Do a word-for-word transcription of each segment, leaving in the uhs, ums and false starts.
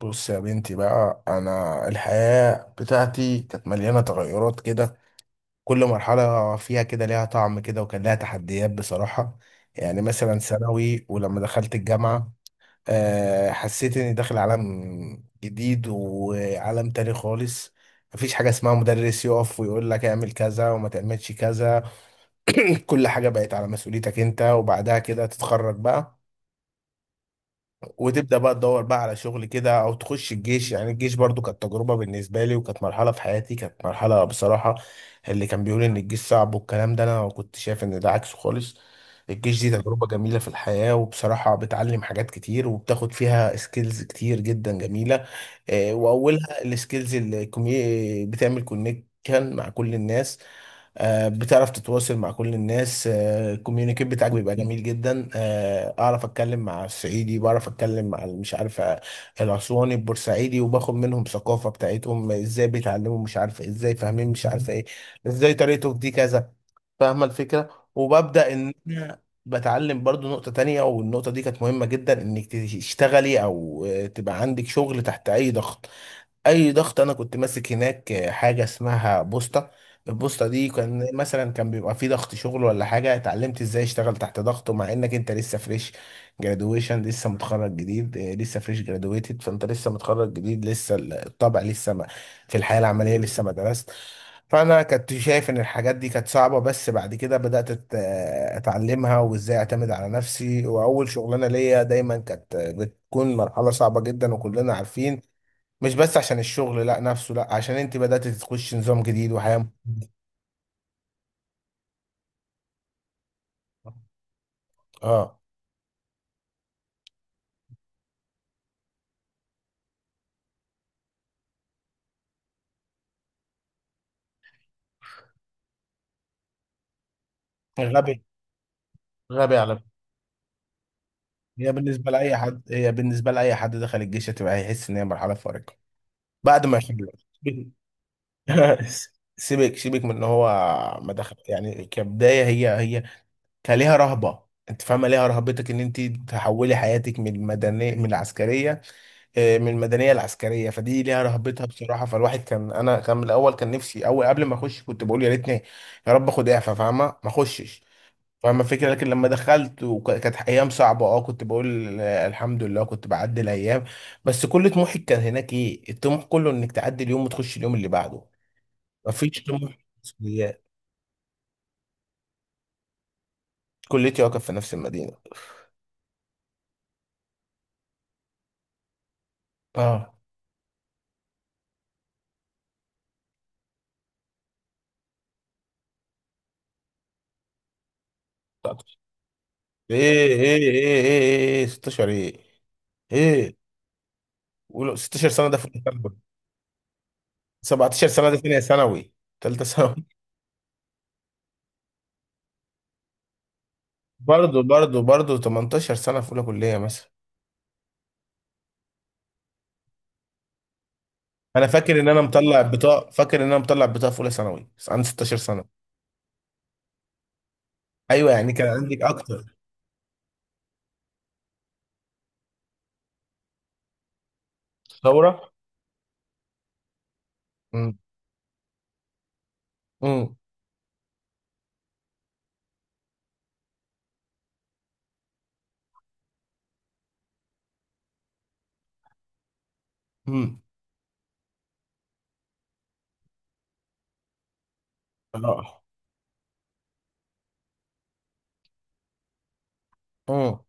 بص يا بنتي بقى، انا الحياة بتاعتي كانت مليانة تغيرات كده. كل مرحلة فيها كده ليها طعم كده، وكان لها تحديات بصراحة. يعني مثلا ثانوي ولما دخلت الجامعة، آه، حسيت اني داخل عالم جديد وعالم تاني خالص. مفيش حاجة اسمها مدرس يقف ويقول لك اعمل كذا وما تعملش كذا. كل حاجة بقت على مسؤوليتك انت، وبعدها كده تتخرج بقى، وتبدا بقى تدور بقى على شغل كده او تخش الجيش. يعني الجيش برضو كانت تجربه بالنسبه لي، وكانت مرحله في حياتي، كانت مرحله بصراحه. اللي كان بيقول ان الجيش صعب والكلام ده، انا كنت شايف ان ده عكسه خالص. الجيش دي تجربه جميله في الحياه، وبصراحه بتعلم حاجات كتير وبتاخد فيها سكيلز كتير جدا جميله. آه، واولها السكيلز اللي كومي- بتعمل كونكشن مع كل الناس. آه، بتعرف تتواصل مع كل الناس. آه، الكوميونيكيت بتاعك بيبقى جميل جدا. آه، اعرف اتكلم مع الصعيدي، بعرف اتكلم مع ال- مش عارفه، الاسواني البورسعيدي، وباخد منهم ثقافه بتاعتهم ازاي بيتعلموا، مش عارفه ازاي فاهمين، مش عارفه ايه ازاي طريقته في دي كذا. فاهمه الفكره وببدا ان بتعلم برضو نقطة تانية، والنقطة دي كانت مهمة جدا، انك تشتغلي او آه، تبقى عندك شغل تحت اي ضغط. اي ضغط. انا كنت ماسك هناك حاجه اسمها بوسطه. البوسطه دي كان مثلا كان بيبقى في ضغط شغل ولا حاجه، اتعلمت ازاي اشتغل تحت ضغط، ومع انك انت لسه فريش جرادويشن، لسه متخرج جديد، آه، لسه فريش جرادويتد، فانت لسه متخرج جديد لسه الطبع لسه ما في الحياه العمليه لسه ما درست. فانا كنت شايف ان الحاجات دي كانت صعبه، بس بعد كده بدات أت- اتعلمها وازاي اعتمد على نفسي. واول شغلانه ليا دايما كانت بتكون مرحله صعبه جدا، وكلنا عارفين، مش بس عشان الشغل لا نفسه، لا، عشان انت بدأت تخش نظام جديد وحياة مختلفة. اه. غبي. غبي على فكرة. هي بالنسبة لأي حد هي بالنسبة لأي حد دخل الجيش هتبقى، هيحس إن هي مرحلة فارقة بعد ما يخلص. سيبك سيبك من إن هو ما دخل. يعني كبداية، هي هي كان ليها رهبة. أنت فاهمة ليها رهبتك، إن أنت تحولي حياتك من المدنية من العسكرية، آه، من المدنيه العسكريه، فدي ليها رهبتها بصراحه. فالواحد كان، انا كان من الاول، كان نفسي، اول قبل ما اخش كنت بقول يا ريتني، يا رب اخد اعفاء، فاهمه، ما اخشش. فاهمه الفكره. لكن لما دخلت وكانت ايام صعبه، اه كنت بقول آه، الحمد لله كنت بعدي الايام. بس كل طموحي كان هناك، ايه الطموح؟ كله انك تعدي اليوم وتخش اليوم اللي بعده. مفيش طموح، مسؤوليات. كليتي واقف في نفس المدينه. اه، تسعتاشر. ايه. ايه ايه ايه. ايه ستاشر ايه. ايه، قولوا ستاشر سنه ده في الكلام. سبعتاشر سنة دي ثانية ثانوي، تالتة ثانوي. برضه برضه برضه، تمنتاشر سنة في أولى كلية مثلا. أنا فاكر إن أنا مطلع بطاقة، فاكر إن أنا مطلع بطاقة في أولى ثانوي، بس عندي ستة عشر سنة. أيوه، يعني كان عندك أكتر. ثورة؟ امم، امم، امم، اه، امم.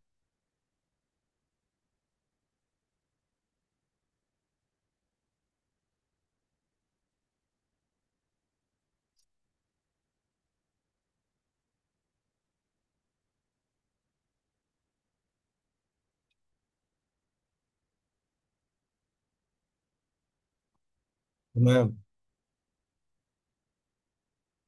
تمام.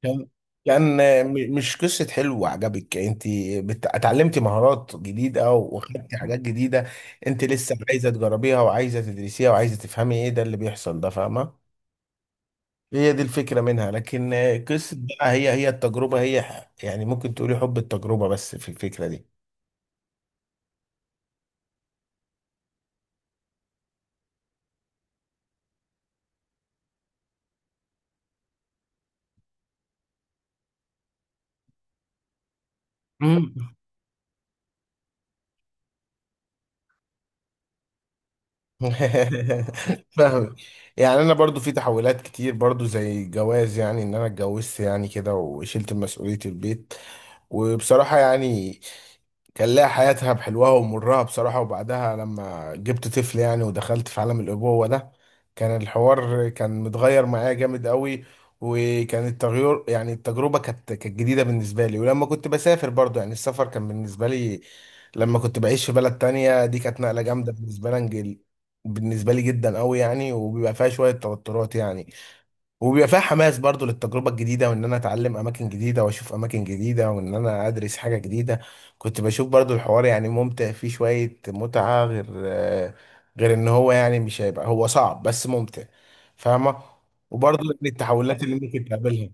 كان كان آه، م- مش قصة حلو عجبك أنت، بت- اتعلمتي مهارات جديدة وخدتي حاجات جديدة. أنت لسه عايزة تجربيها وعايزة تدرسيها وعايزة تفهمي إيه ده اللي بيحصل ده، فاهمة؟ هي دي الفكرة منها. لكن قصة بقى، هي هي التجربة، هي يعني ممكن تقولي حب التجربة، بس في الفكرة دي. فاهم. يعني انا برضو في تحولات كتير، برضو زي الجواز. يعني ان انا اتجوزت يعني كده وشلت مسؤولية البيت، وبصراحة يعني كان لها حياتها بحلوها ومرها بصراحة. وبعدها لما جبت طفل، يعني، ودخلت في عالم الأبوة ده، كان الحوار كان متغير معايا جامد قوي. وكان التغير، يعني التجربة كانت كانت جديدة بالنسبة لي. ولما كنت بسافر، برضو يعني السفر كان بالنسبة لي، لما كنت بعيش في بلد تانية، دي كانت نقلة جامدة بالنسبة لي، بالنسبه لي جدا قوي يعني، وبيبقى فيها شويه توترات يعني، وبيبقى فيها حماس برضو للتجربه الجديده، وان انا اتعلم اماكن جديده واشوف اماكن جديده وان انا ادرس حاجه جديده. كنت بشوف برضو الحوار يعني ممتع، فيه شويه متعه، غير غير ان هو يعني مش هيبقى، هو صعب بس ممتع، فاهمه. وبرضو من التحولات اللي ممكن تقابلها.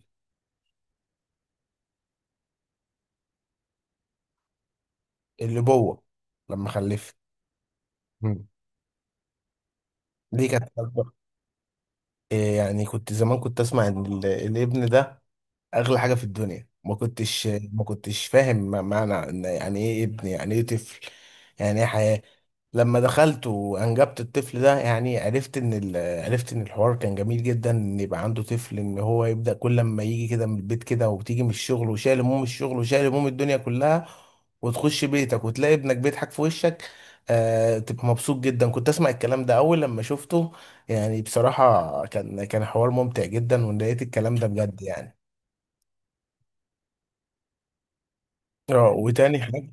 الابوه، لما خلفت. مم. دي كانت تجربة. إيه يعني كنت زمان كنت اسمع ان ال- الابن ده اغلى حاجه في الدنيا. ما كنتش ما كنتش فاهم م- معنى، إن يعني ايه ابن، يعني ايه طفل، يعني ايه حياه. لما دخلت وانجبت الطفل ده، يعني عرفت ان ال- عرفت ان الحوار كان جميل جدا، ان يبقى عنده طفل، ان هو يبدا كل لما يجي كده من البيت كده، وبتيجي من الشغل وشايل هموم الشغل وشايل هموم الدنيا كلها، وتخش بيتك وتلاقي ابنك بيضحك في وشك، آه تبقى مبسوط جدا. كنت اسمع الكلام ده اول، لما شفته يعني بصراحه كان كان حوار ممتع جدا، ولقيت الكلام ده بجد يعني. اه، وتاني حاجه.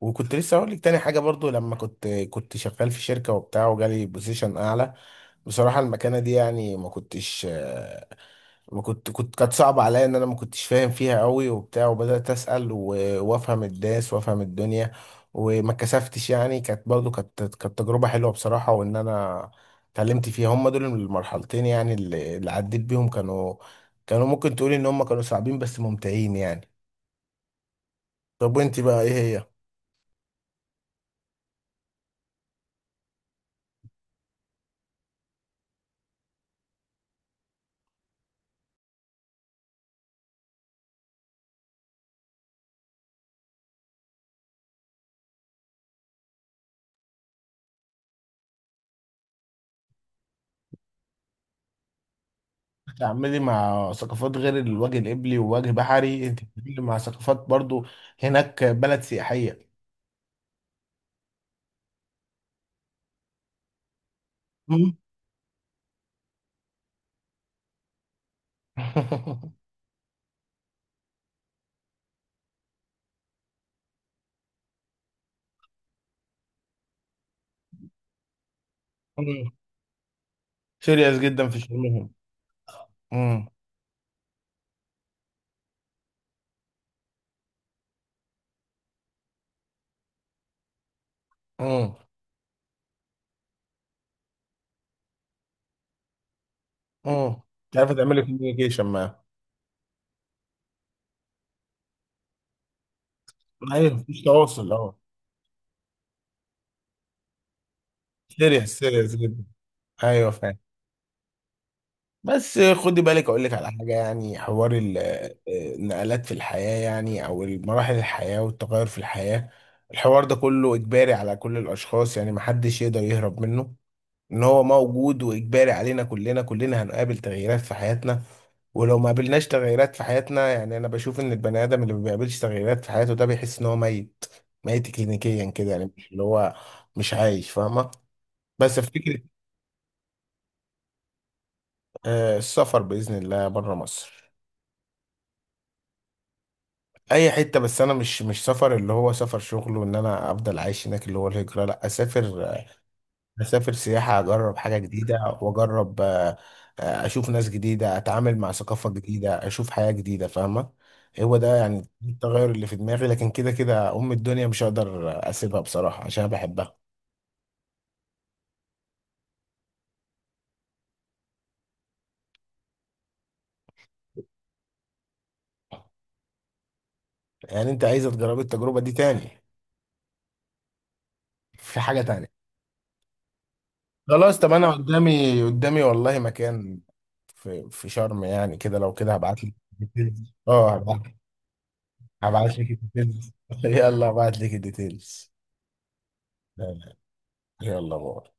وكنت لسه هقول لك تاني حاجه. برضو لما كنت كنت شغال في شركه وبتاع، وجالي بوزيشن اعلى، بصراحه المكانه دي يعني ما كنتش آه، ما كنت كنت كانت صعبه عليا، ان انا ما كنتش فاهم فيها قوي وبتاع، وبدات اسال و- وافهم الناس وافهم الدنيا، وما اتكسفتش يعني. كانت برضو كانت كانت تجربه حلوه بصراحه، وان انا اتعلمت فيها. هم دول المرحلتين يعني، اللي اللي عديت بيهم كانوا، كانوا ممكن تقولي ان هم كانوا صعبين بس ممتعين يعني. طب وانت بقى ايه؟ هي تعملي مع ثقافات غير الوجه القبلي ووجه بحري، انت بتتعاملي مع ثقافات برضو. هناك بلد سياحية. مم. سيريس جدا في شغلهم. امم، امم، امم، مش عارفة تعملي كوميونيكيشن معاهم. ايوه، مفيش تواصل، اه. سيريس سيريس جدا. ايوه فاهم. بس خدي بالك اقول لك على حاجه، يعني حوار ال- النقلات في الحياه، يعني او مراحل الحياه والتغير في الحياه، الحوار ده كله اجباري على كل الاشخاص، يعني محدش يقدر يهرب منه، ان هو موجود واجباري علينا كلنا. كلنا هنقابل تغييرات في حياتنا، ولو ما قابلناش تغييرات في حياتنا، يعني انا بشوف ان البني ادم اللي ما بيقابلش تغييرات في حياته، ده بيحس ان هو ميت. ميت كلينيكيا كده يعني، مش اللي هو مش عايش، فاهمه؟ بس في فكره. آه، السفر باذن الله بره مصر. اي حته، بس انا مش مش سفر اللي هو سفر شغل وان انا افضل عايش هناك اللي هو الهجره، لا، اسافر، اسافر سياحه، اجرب حاجه جديده، واجرب آه، آه، اشوف ناس جديده، اتعامل مع ثقافه جديده، اشوف حياه جديده، فاهمه. هو ده يعني التغير اللي في دماغي. لكن كده كده ام الدنيا مش هقدر اسيبها بصراحه عشان أنا بحبها. يعني انت عايزه تجربي التجربه دي تاني؟ في حاجه تانية. خلاص، طب انا قدامي قدامي والله مكان في في شرم يعني كده، لو كده هبعت لك ديتيلز. اه، هبعت، هبعت لك الديتيلز. يلا هبعت لك الديتيلز. يلا باي.